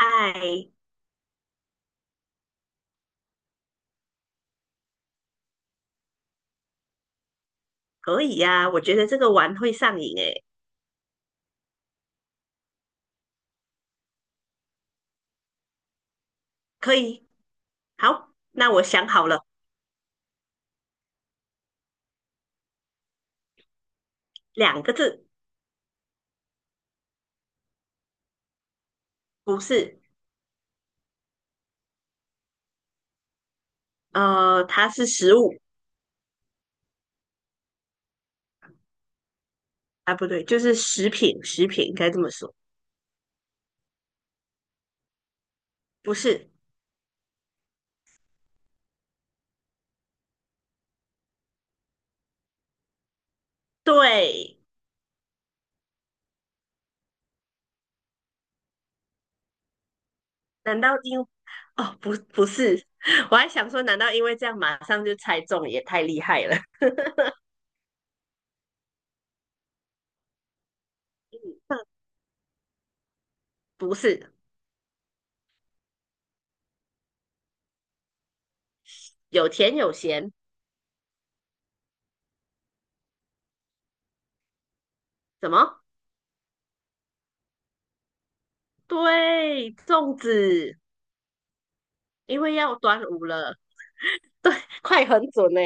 哎，可以呀、我觉得这个玩会上瘾诶，可以。好，那我想好了，两个字，不是，它是食物，啊，不对，就是食品，食品应该这么说，不是，对，难道因，哦，不，不是，我还想说，难道因为这样马上就猜中，也太厉害了，不是，有甜有咸，怎么？对，粽子，因为要端午了，快很准呢、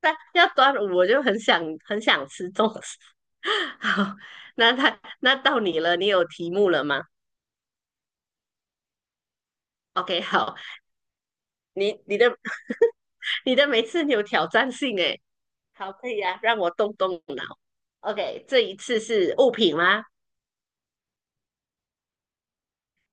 但要端午，我就很想很想吃粽子。好，那他那到你了，你有题目了吗？OK，好，你的你的每次你有挑战性诶，好，可以啊，让我动动。OK，这一次是物品吗？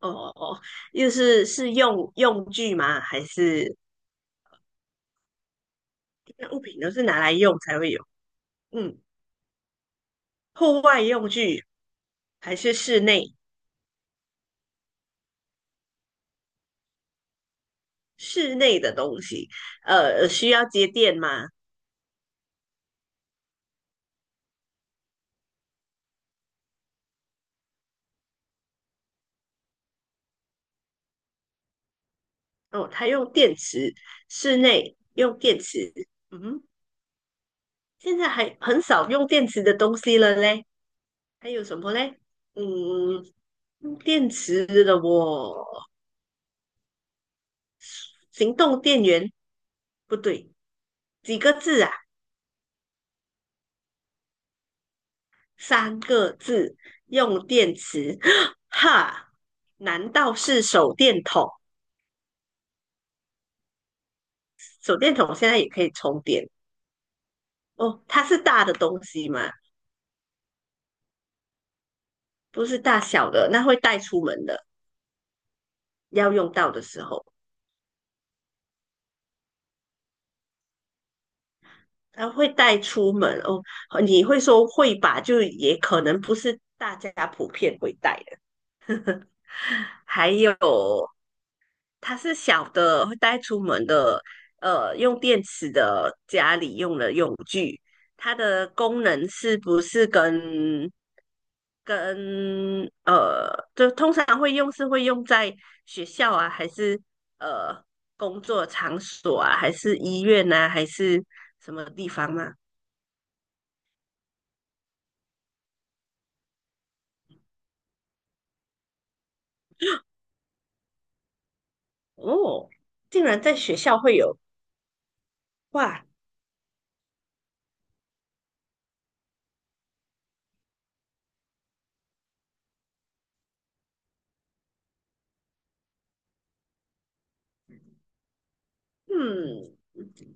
哦哦哦，又是用用具吗？还是那物品都是拿来用才会有？嗯，户外用具还是室内室内的东西？需要接电吗？哦，它用电池，室内用电池，嗯，现在还很少用电池的东西了嘞。还有什么嘞？嗯，用电池的我，行动电源不对，几个字啊？三个字，用电池，哈，难道是手电筒？手电筒现在也可以充电哦，它是大的东西嘛，不是大小的，那会带出门的，要用到的时候。啊，会带出门哦。你会说会吧，就也可能不是大家普遍会带的。还有，它是小的会带出门的，用电池的家里用的用具，它的功能是不是跟呃，就通常会用是会用在学校啊，还是呃工作场所啊，还是医院啊，还是什么地方吗？哦，竟然在学校会有，哇，嗯，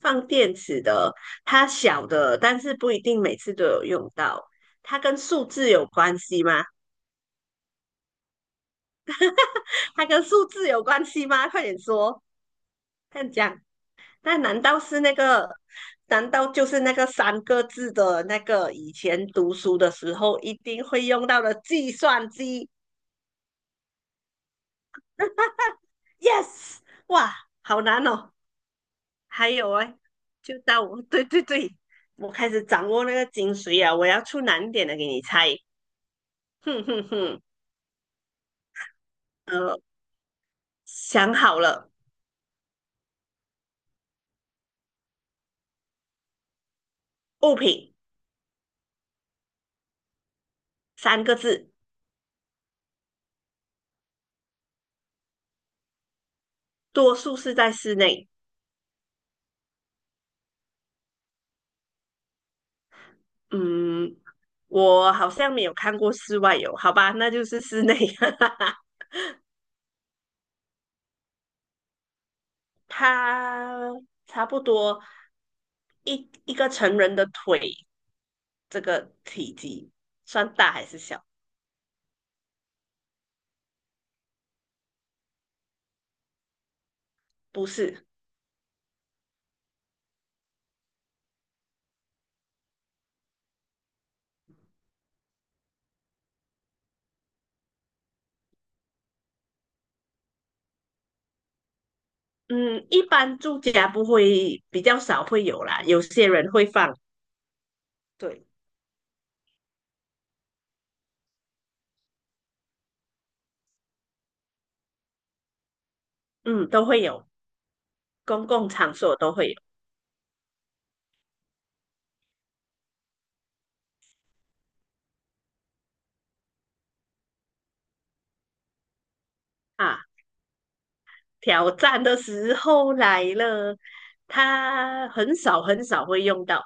放电池的，它小的，但是不一定每次都有用到。它跟数字有关系吗？它跟数字有关系吗？快点说，快点讲。那难道是那个？难道就是那个三个字的那个以前读书的时候一定会用到的计算机？Yes，哇，好难哦。还有哎，就到我，对对对，我开始掌握那个精髓啊！我要出难点的给你猜，哼哼哼，呃，想好了，物品三个字，多数是在室内。嗯，我好像没有看过室外有，好吧，那就是室内。它差不多一个成人的腿这个体积，算大还是小？不是。嗯，一般住家不会，比较少会有啦。有些人会放，对，嗯，都会有，公共场所都会有啊。挑战的时候来了，它很少很少会用到，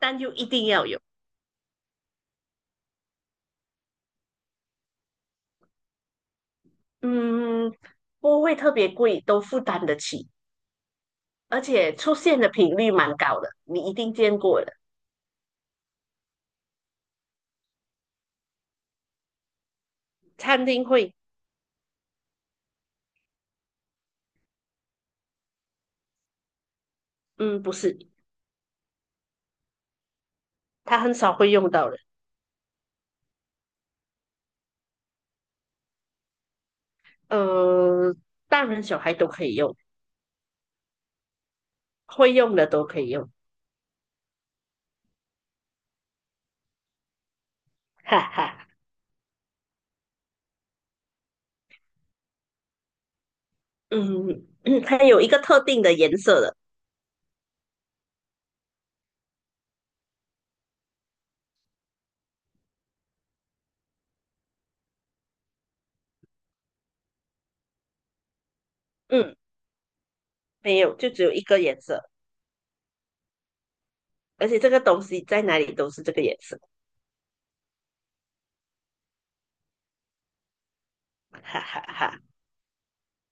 但就一定要有。嗯，不会特别贵，都负担得起，而且出现的频率蛮高的，你一定见过的。餐厅会，嗯，不是，他很少会用到的。呃，大人小孩都可以用，会用的都可以用。哈哈，嗯，它有一个特定的颜色的，嗯，没有，就只有一个颜色，而且这个东西在哪里都是这个颜色，哈哈哈，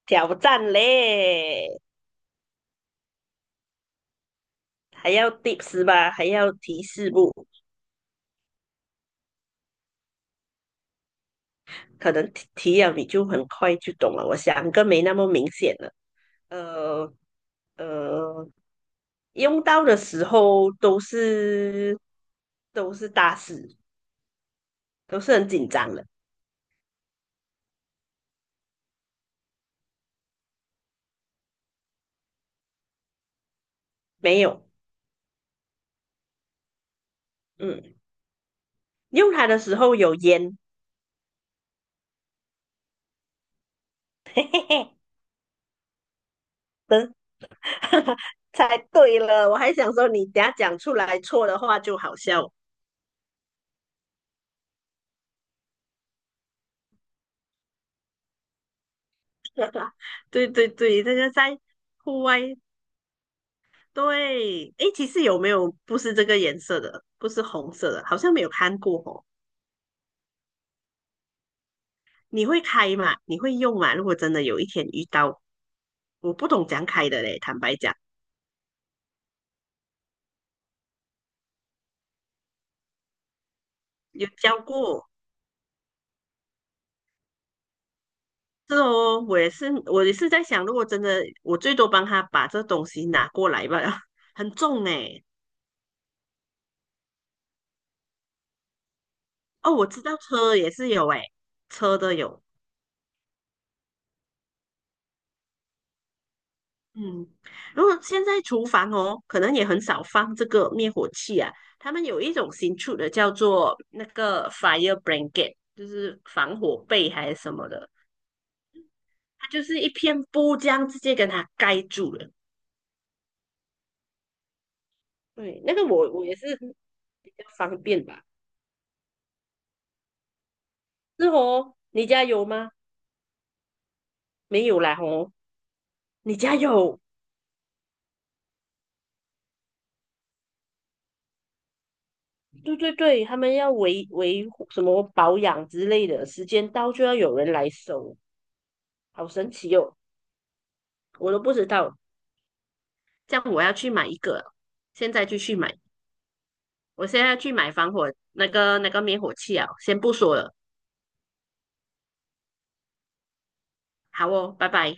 挑战嘞，还要 tips 吧，还要提示不？可能提提了你就很快就懂了，我想个没那么明显了，呃呃，用到的时候都是大事，都是很紧张的，没有，嗯，用它的时候有烟。猜对了，我还想说你等下讲出来错的话就好笑。对对对，这个在户外，对，诶，其实有没有不是这个颜色的，不是红色的，好像没有看过哦。你会开吗？你会用吗？如果真的有一天遇到，我不懂怎样开的嘞，坦白讲，有教过。是哦，我也是，我也是在想，如果真的，我最多帮他把这东西拿过来吧，很重诶。哦，我知道车也是有诶，车的有，嗯，如果现在厨房哦，可能也很少放这个灭火器啊。他们有一种新出的，叫做那个 fire blanket，就是防火被还是什么的，它就是一片布这样直接跟它盖住了。对，那个我也是比较方便吧。是哦，你家有吗？没有啦哦，你家有？对对对，他们要维护什么保养之类的，时间到就要有人来收，好神奇哦，我都不知道。这样我要去买一个，现在就去买。我现在去买防火那个那个灭火器啊，先不说了。好哦，拜拜。